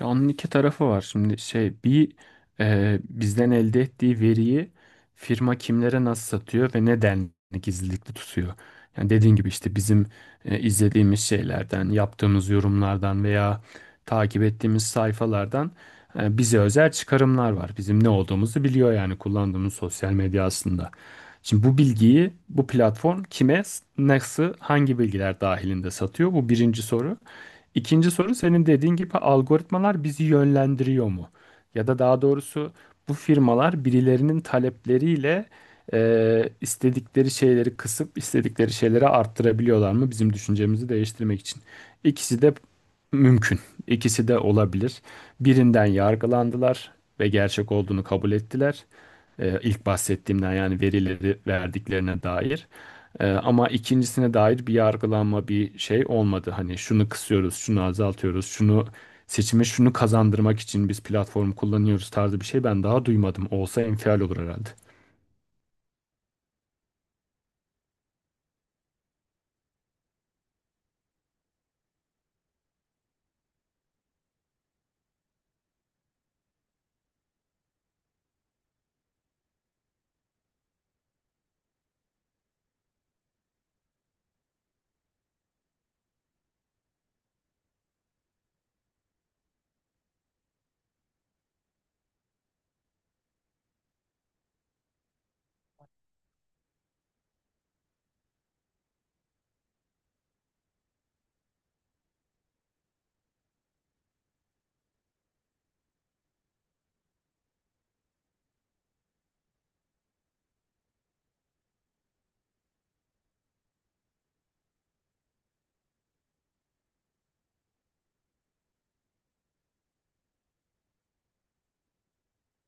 Ya onun iki tarafı var. Şimdi şey bir bizden elde ettiği veriyi firma kimlere nasıl satıyor ve neden gizlilikli tutuyor. Yani dediğin gibi işte bizim izlediğimiz şeylerden, yaptığımız yorumlardan veya takip ettiğimiz sayfalardan bize özel çıkarımlar var. Bizim ne olduğumuzu biliyor yani kullandığımız sosyal medya aslında. Şimdi bu bilgiyi bu platform kime, nasıl, hangi bilgiler dahilinde satıyor? Bu birinci soru. İkinci soru senin dediğin gibi algoritmalar bizi yönlendiriyor mu? Ya da daha doğrusu bu firmalar birilerinin talepleriyle istedikleri şeyleri kısıp istedikleri şeyleri arttırabiliyorlar mı bizim düşüncemizi değiştirmek için? İkisi de mümkün. İkisi de olabilir. Birinden yargılandılar ve gerçek olduğunu kabul ettiler. İlk bahsettiğimden yani verileri verdiklerine dair. Ama ikincisine dair bir yargılanma bir şey olmadı. Hani şunu kısıyoruz, şunu azaltıyoruz, şunu seçime şunu kazandırmak için biz platform kullanıyoruz tarzı bir şey ben daha duymadım. Olsa infial olur herhalde.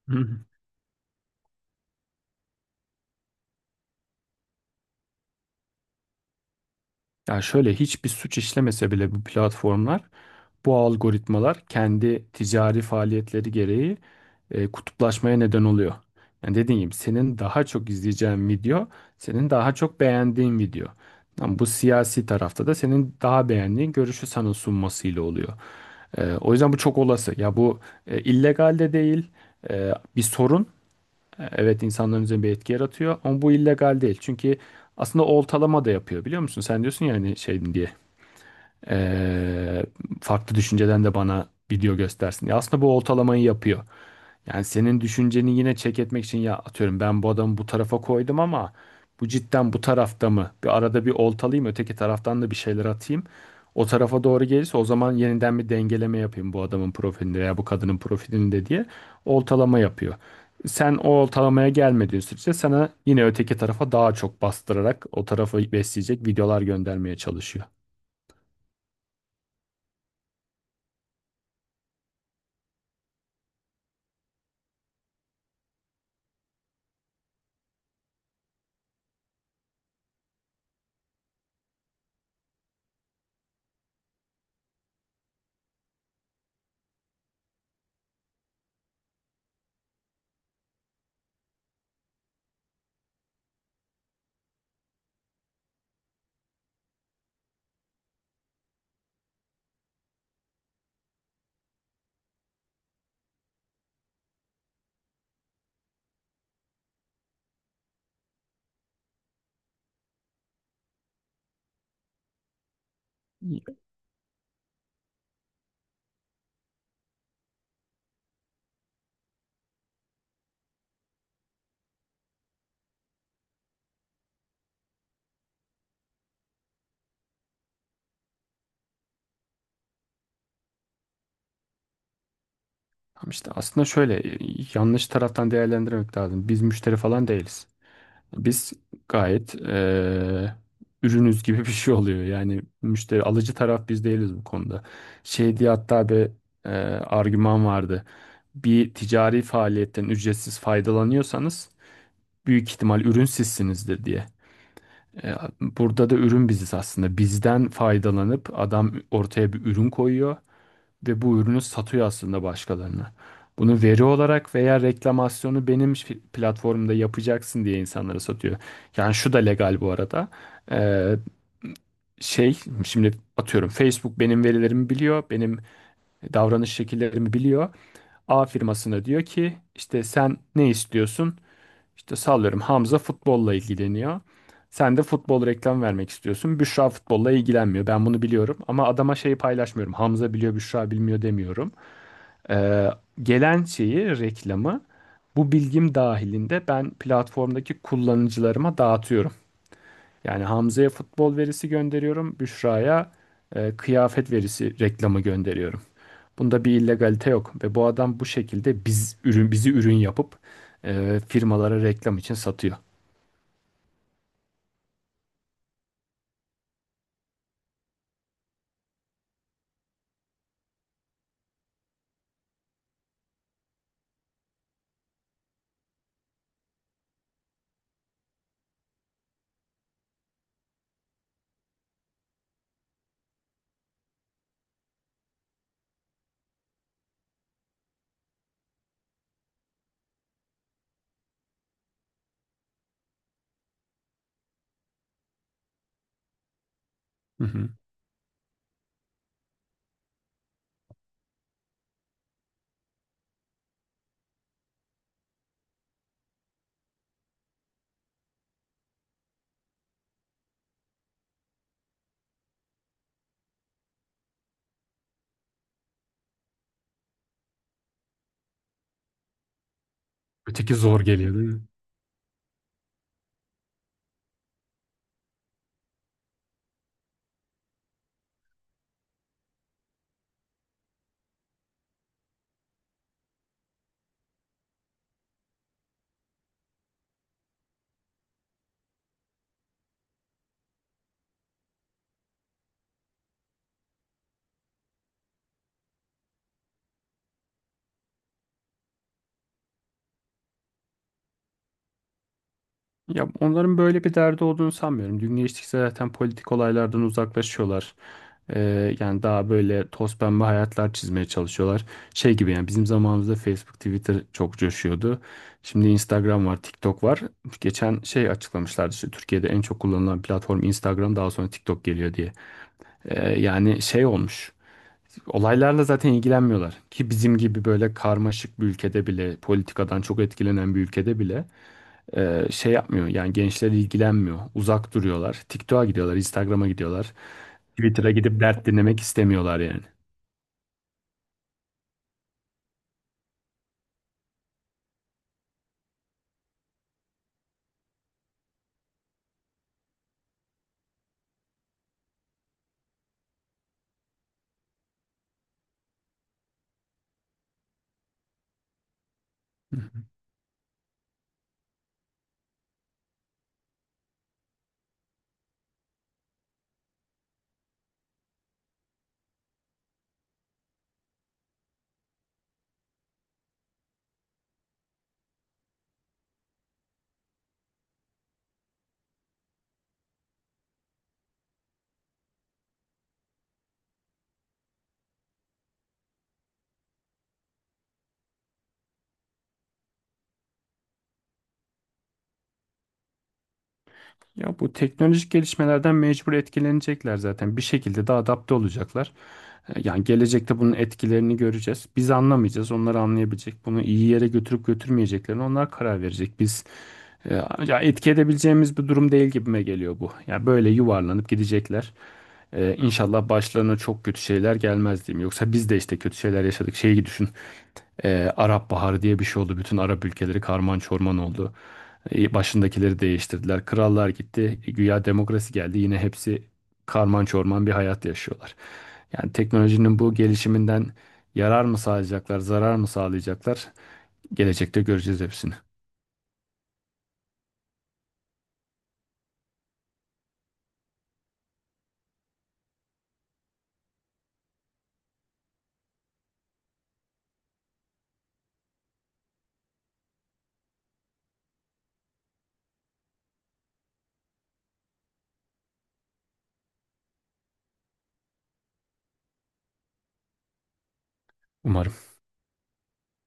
Hı hı. Yani şöyle hiçbir suç işlemese bile bu platformlar, bu algoritmalar kendi ticari faaliyetleri gereği kutuplaşmaya neden oluyor. Yani dediğim gibi senin daha çok izleyeceğin video, senin daha çok beğendiğin video. Ama bu siyasi tarafta da senin daha beğendiğin görüşü sana sunmasıyla oluyor. O yüzden bu çok olası. Ya bu illegal de değil, bir sorun. Evet, insanların üzerinde bir etki yaratıyor ama bu illegal değil. Çünkü aslında oltalama da yapıyor biliyor musun? Sen diyorsun ya hani şey diye e, farklı düşünceden de bana video göstersin. Ya aslında bu oltalamayı yapıyor. Yani senin düşünceni yine çek etmek için ya atıyorum ben bu adamı bu tarafa koydum ama bu cidden bu tarafta mı? Bir arada bir oltalayayım öteki taraftan da bir şeyler atayım. O tarafa doğru gelirse o zaman yeniden bir dengeleme yapayım bu adamın profilinde veya bu kadının profilinde diye oltalama yapıyor. Sen o ortalamaya gelmediğin sürece sana yine öteki tarafa daha çok bastırarak o tarafı besleyecek videolar göndermeye çalışıyor. Ama işte aslında şöyle yanlış taraftan değerlendirmek lazım. Biz müşteri falan değiliz. Biz gayet ürünüz gibi bir şey oluyor. Yani müşteri alıcı taraf biz değiliz bu konuda. Şey diye hatta bir eee, argüman vardı. Bir ticari faaliyetten ücretsiz faydalanıyorsanız büyük ihtimal ürün sizsinizdir diye. E, Burada da ürün biziz aslında. Bizden faydalanıp adam ortaya bir ürün koyuyor ve bu ürünü satıyor aslında başkalarına. Bunu veri olarak veya reklamasyonu benim platformumda yapacaksın diye insanlara satıyor. Yani şu da legal bu arada. Ee, şey Şimdi atıyorum Facebook benim verilerimi biliyor, benim davranış şekillerimi biliyor. A firmasına diyor ki işte sen ne istiyorsun? İşte sallıyorum Hamza futbolla ilgileniyor. Sen de futbol reklam vermek istiyorsun. Büşra futbolla ilgilenmiyor. Ben bunu biliyorum ama adama şeyi paylaşmıyorum. Hamza biliyor, Büşra bilmiyor demiyorum. Ee, Gelen şeyi, reklamı bu bilgim dahilinde ben platformdaki kullanıcılarıma dağıtıyorum. Yani Hamza'ya futbol verisi gönderiyorum, Büşra'ya kıyafet verisi reklamı gönderiyorum. Bunda bir illegalite yok ve bu adam bu şekilde bizi ürün yapıp firmalara reklam için satıyor. Hı hı. Öteki zor geliyor değil mi? Ya onların böyle bir derdi olduğunu sanmıyorum. Gün geçtikçe zaten politik olaylardan uzaklaşıyorlar. Yani daha böyle toz pembe hayatlar çizmeye çalışıyorlar. Şey gibi yani bizim zamanımızda Facebook, Twitter çok coşuyordu. Şimdi Instagram var, TikTok var. Geçen şey açıklamışlardı işte Türkiye'de en çok kullanılan platform Instagram, daha sonra TikTok geliyor diye. Yani şey olmuş. Olaylarla zaten ilgilenmiyorlar. Ki bizim gibi böyle karmaşık bir ülkede bile, politikadan çok etkilenen bir ülkede bile şey yapmıyor yani gençler ilgilenmiyor. Uzak duruyorlar. TikTok'a gidiyorlar, Instagram'a gidiyorlar. Twitter'a gidip dert dinlemek istemiyorlar yani. Hı. Ya bu teknolojik gelişmelerden mecbur etkilenecekler zaten. Bir şekilde de adapte olacaklar. Yani gelecekte bunun etkilerini göreceğiz. Biz anlamayacağız, onlar anlayabilecek. Bunu iyi yere götürüp götürmeyeceklerini onlar karar verecek. E, Ya etki edebileceğimiz bir durum değil gibime geliyor bu. Ya böyle yuvarlanıp gidecekler. İnşallah başlarına çok kötü şeyler gelmez diyeyim. Yoksa biz de işte kötü şeyler yaşadık. Şeyi düşün. Arap Baharı diye bir şey oldu. Bütün Arap ülkeleri karman çorman oldu. Başındakileri değiştirdiler. Krallar gitti. Güya demokrasi geldi. Yine hepsi karman çorman bir hayat yaşıyorlar. Yani teknolojinin bu gelişiminden yarar mı sağlayacaklar, zarar mı sağlayacaklar? Gelecekte göreceğiz hepsini. Umarım.